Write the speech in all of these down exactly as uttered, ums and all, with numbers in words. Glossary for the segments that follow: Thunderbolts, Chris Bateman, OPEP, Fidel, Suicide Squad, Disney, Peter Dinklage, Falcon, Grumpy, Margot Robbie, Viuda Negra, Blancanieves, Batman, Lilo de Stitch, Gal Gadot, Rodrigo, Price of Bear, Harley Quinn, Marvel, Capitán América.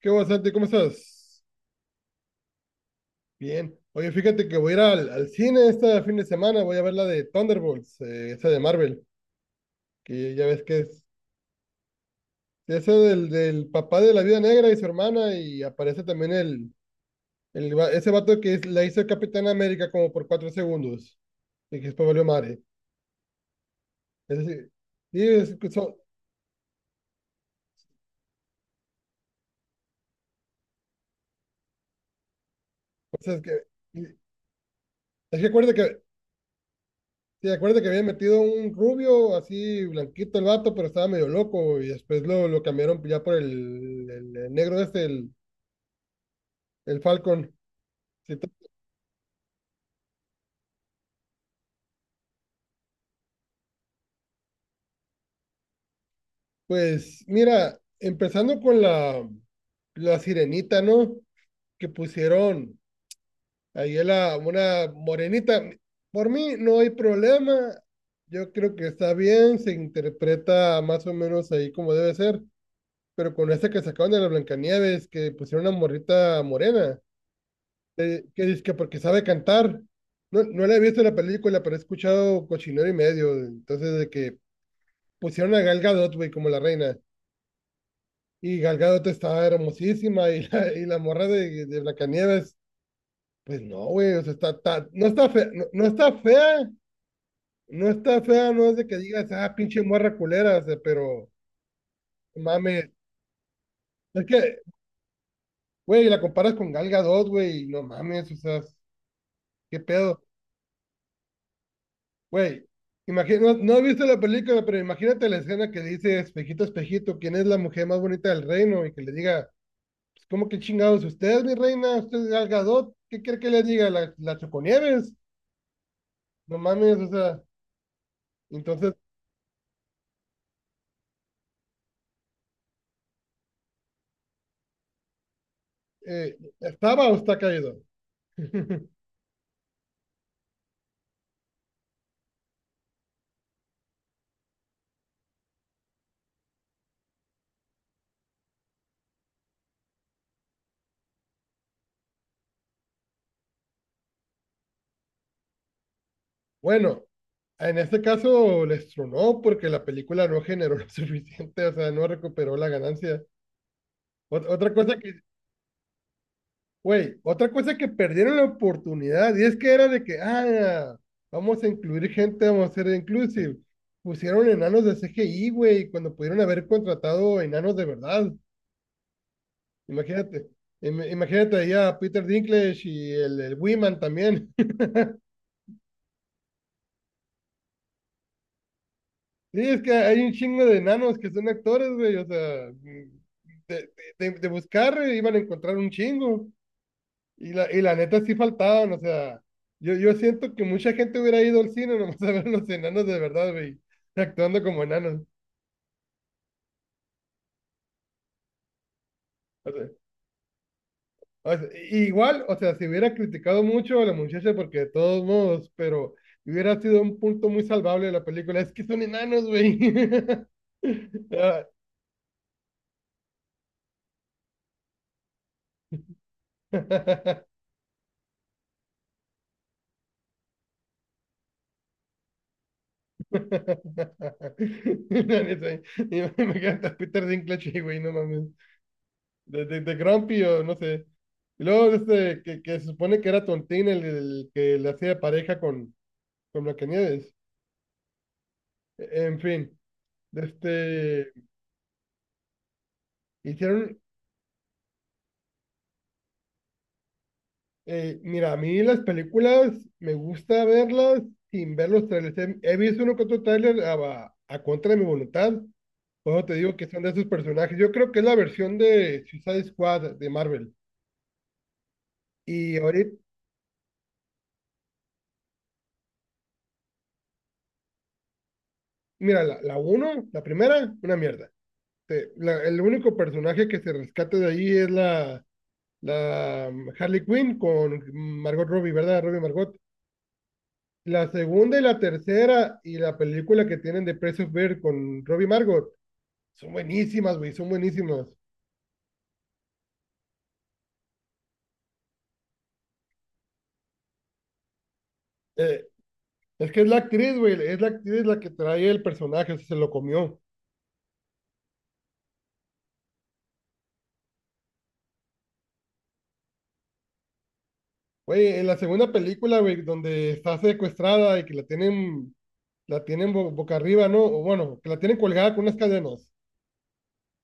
¿Qué onda, Santi? ¿Cómo estás? Bien. Oye, fíjate que voy a ir al, al cine este fin de semana, voy a ver la de Thunderbolts, eh, esa de Marvel, que ya ves que es esa del, del papá de la Viuda Negra y su hermana, y aparece también el, el va- ese vato que es- la hizo Capitán América como por cuatro segundos, y que después valió madre. Es decir, sí, es que son- o sea, es que, es que acuérdate que Sí, acuérdate que habían metido un rubio, así blanquito el vato, pero estaba medio loco y después lo, lo cambiaron ya por el, el- el negro este, el, el Falcon. Sí, t- Pues mira, empezando con la, la sirenita, ¿no? Que pusieron ahí a la, una morenita. Por mí no hay problema, yo creo que está bien, se interpreta más o menos ahí como debe ser, pero con esta que sacaron de la Blancanieves, que pusieron una morrita morena, eh, que dice que porque sabe cantar. No, no la he visto la película, pero he escuchado cochinero y medio. Entonces, de que pusieron a Gal Gadot, güey, como la reina. Y Gal Gadot está hermosísima y la, y la morra de, de Blancanieves, pues no, güey, o sea, está, está- no está fea, no, no está fea, no está fea, no es de que digas, ah, pinche morra culera, o sea, pero mames, es que, güey, la comparas con Gal Gadot, güey, y no mames, o sea, qué pedo. Güey, imagina, no, no he visto la película, pero imagínate la escena que dice espejito, espejito, ¿quién es la mujer más bonita del reino? Y que le diga, pues, ¿cómo que chingados? ¿Usted es mi reina? ¿Usted es Gal Gadot? ¿Qué quiere que le diga? ¿La, la Choconieves? No mames, o sea, entonces, eh, ¿estaba o está caído? Bueno, en este caso les tronó porque la película no generó lo suficiente, o sea, no recuperó la ganancia. Ot- Otra cosa que Güey, otra cosa que perdieron la oportunidad, y es que era de que, ah, vamos a incluir gente, vamos a ser inclusive. Pusieron enanos de C G I, güey, cuando pudieron haber contratado enanos de verdad. Imagínate, Im- imagínate ahí a Peter Dinklage y el, el Wiman también. Sí, es que hay un chingo de enanos que son actores, güey, o sea, de, de, de de buscar, eh, iban a encontrar un chingo. Y la, y la neta sí faltaban, o sea, yo, yo siento que mucha gente hubiera ido al cine nomás a ver los enanos de verdad, güey, actuando como enanos. O sea, o sea, i- igual, o sea, se hubiera criticado mucho a la muchacha porque de todos modos, pero hubiera sido un punto muy salvable de la película. Es que son enanos, güey. Ah. No, ni sé. Y me encanta Peter Dinklage, güey, no mames. de, de, de Grumpy o no sé. Y luego este, que, que se supone que era Tontín el, el que le hacía pareja con, con Blancanieves. E- En fin, este, hicieron, eh, mira, a mí las películas me gusta verlas sin ver los trailers. He, he visto uno que otro trailer a, a contra de mi voluntad. Por eso te digo que son de esos personajes. Yo creo que es la versión de Suicide Squad de Marvel. Y ahorita, mira, la, la uno, la primera, una mierda. Este, la- el único personaje que se rescata de ahí es la, la mm, Harley Quinn con Margot Robbie, ¿verdad? Robbie Margot. La segunda y la tercera y la película que tienen de Price of Bear con Robbie Margot son buenísimas, güey, son buenísimas. Eh, es que es la actriz, güey, es la actriz la que trae el personaje, o sea, se lo comió. Güey, en la segunda película, güey, donde está secuestrada y que la tienen, la tienen bo- boca arriba, ¿no? O bueno, que la tienen colgada con unas cadenas,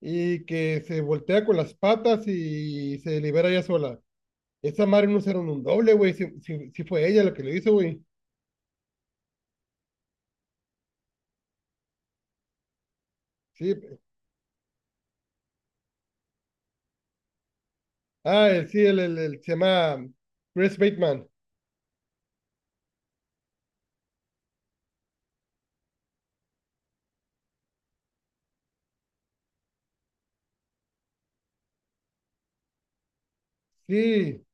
y que se voltea con las patas y se libera ella sola. Esa madre no hicieron un doble, güey. Si, si, si fue ella la que lo hizo, güey. Sí. Ah, el, sí, el, el, el- se llama Chris Bateman. Sí,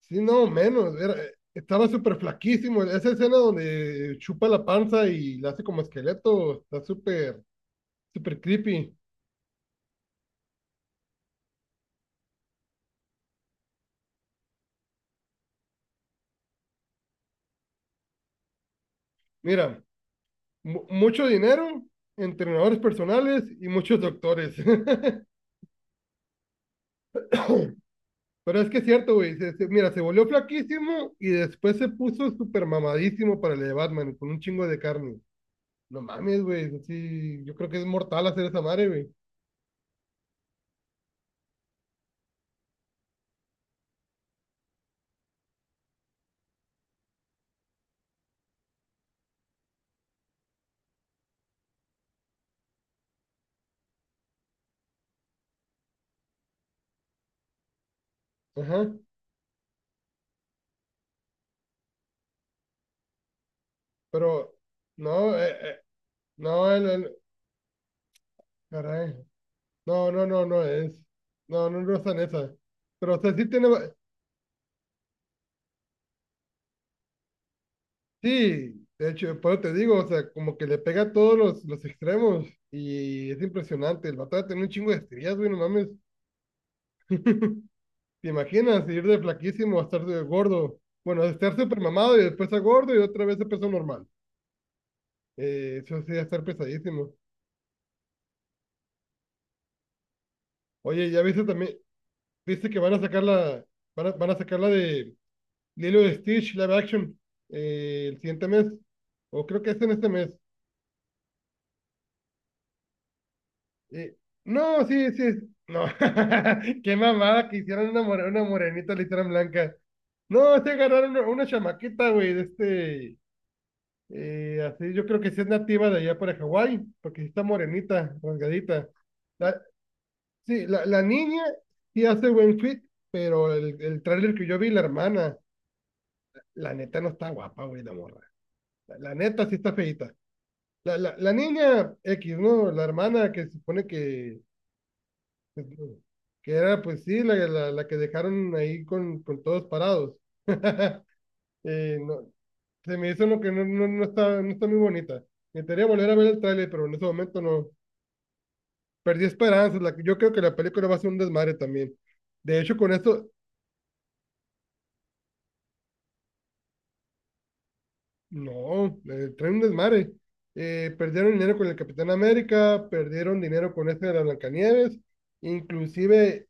sí, no, menos. Era, estaba súper flaquísimo. Esa escena donde chupa la panza y la hace como esqueleto está súper, súper creepy. Mira, mu- mucho dinero, entrenadores personales y muchos doctores. Pero es que es cierto, güey. se- se- mira, se volvió flaquísimo y después se puso súper mamadísimo para el de Batman, con un chingo de carne. No mames, güey. Sí, yo creo que es mortal hacer esa madre, güey. Ajá. Pero, no, eh, eh, no, el, el- caray. No, no, no, no es. No, no, no es tan esa. Pero, o sea, sí tiene. va- Sí, de hecho, por eso te digo, o sea, como que le pega a todos los, los extremos. Y es impresionante. El vato tiene un chingo de estrías, güey, no mames. ¿Te imaginas ir de flaquísimo a estar de gordo? Bueno, de estar súper mamado y después a gordo y otra vez a peso normal. Eh, eso sí, va a estar pesadísimo. Oye, ya viste también, viste que van a sacar la, van a, van a sacar la de Lilo de Stitch live action, eh, el siguiente mes, o creo que es en este mes. Eh, no, sí, sí, no. Qué mamada que hicieron una, more- una morenita, la hicieron blanca. No, se agarraron una, una chamaquita, güey, de este. Eh, así, yo creo que sí es nativa de allá para Hawái, porque sí está morenita, rasgadita. La, sí, la, la niña sí hace buen fit, pero el, el tráiler que yo vi, la hermana, la neta no está guapa, güey, la morra. La, la neta sí está feita. La, la, la niña X, ¿no? La hermana que se supone que, que era, pues sí, la, la, la que dejaron ahí con, con todos parados. Eh, no, se me hizo lo que no, no, no está, no está muy bonita. Me gustaría volver a ver el tráiler, pero en ese momento no. Perdí esperanzas. La, yo creo que la película va a ser un desmadre también. De hecho, con esto, no, eh, traen un desmadre. Eh, perdieron dinero con el Capitán América, perdieron dinero con este de la Blancanieves, inclusive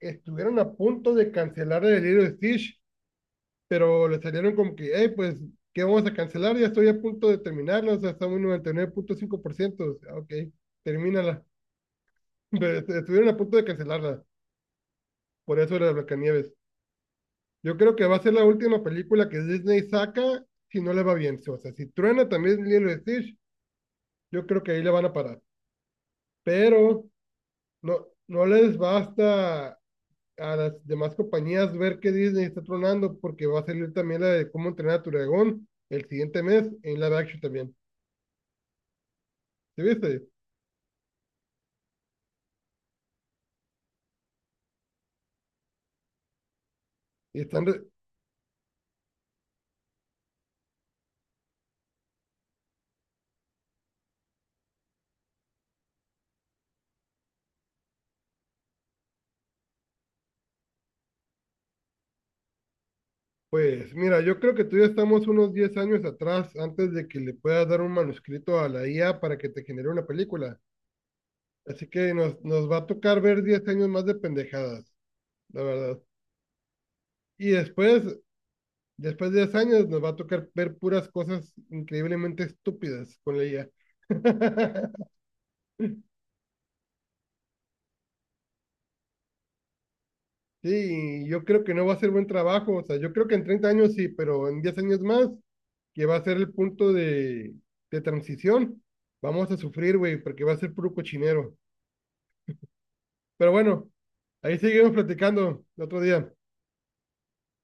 estuvieron a punto de cancelar el libro de Stitch, pero le salieron como que, hey, pues, ¿qué vamos a cancelar? Ya estoy a punto de terminarla, o sea, estamos en noventa y nueve punto cinco por ciento, o sea, ok, termínala. Pero est- estuvieron a punto de cancelarla, por eso era de Blancanieves. Yo creo que va a ser la última película que Disney saca si no le va bien. O sea, si truena también Lilo y Stitch, yo creo que ahí le van a parar. Pero no, no les basta a las demás compañías ver que Disney está tronando porque va a salir también la de cómo entrenar a tu dragón el siguiente mes en live action también. ¿Sí viste? Y están, re- pues mira, yo creo que tú ya estamos unos diez años atrás antes de que le puedas dar un manuscrito a la I A para que te genere una película. Así que nos, nos va a tocar ver diez años más de pendejadas, la verdad. Y después, después de diez años, nos va a tocar ver puras cosas increíblemente estúpidas con la I A. Sí, yo creo que no va a ser buen trabajo. O sea, yo creo que en treinta años sí, pero en diez años más, que va a ser el punto de, de transición, vamos a sufrir, güey, porque va a ser puro cochinero. Pero bueno, ahí seguimos platicando el otro día.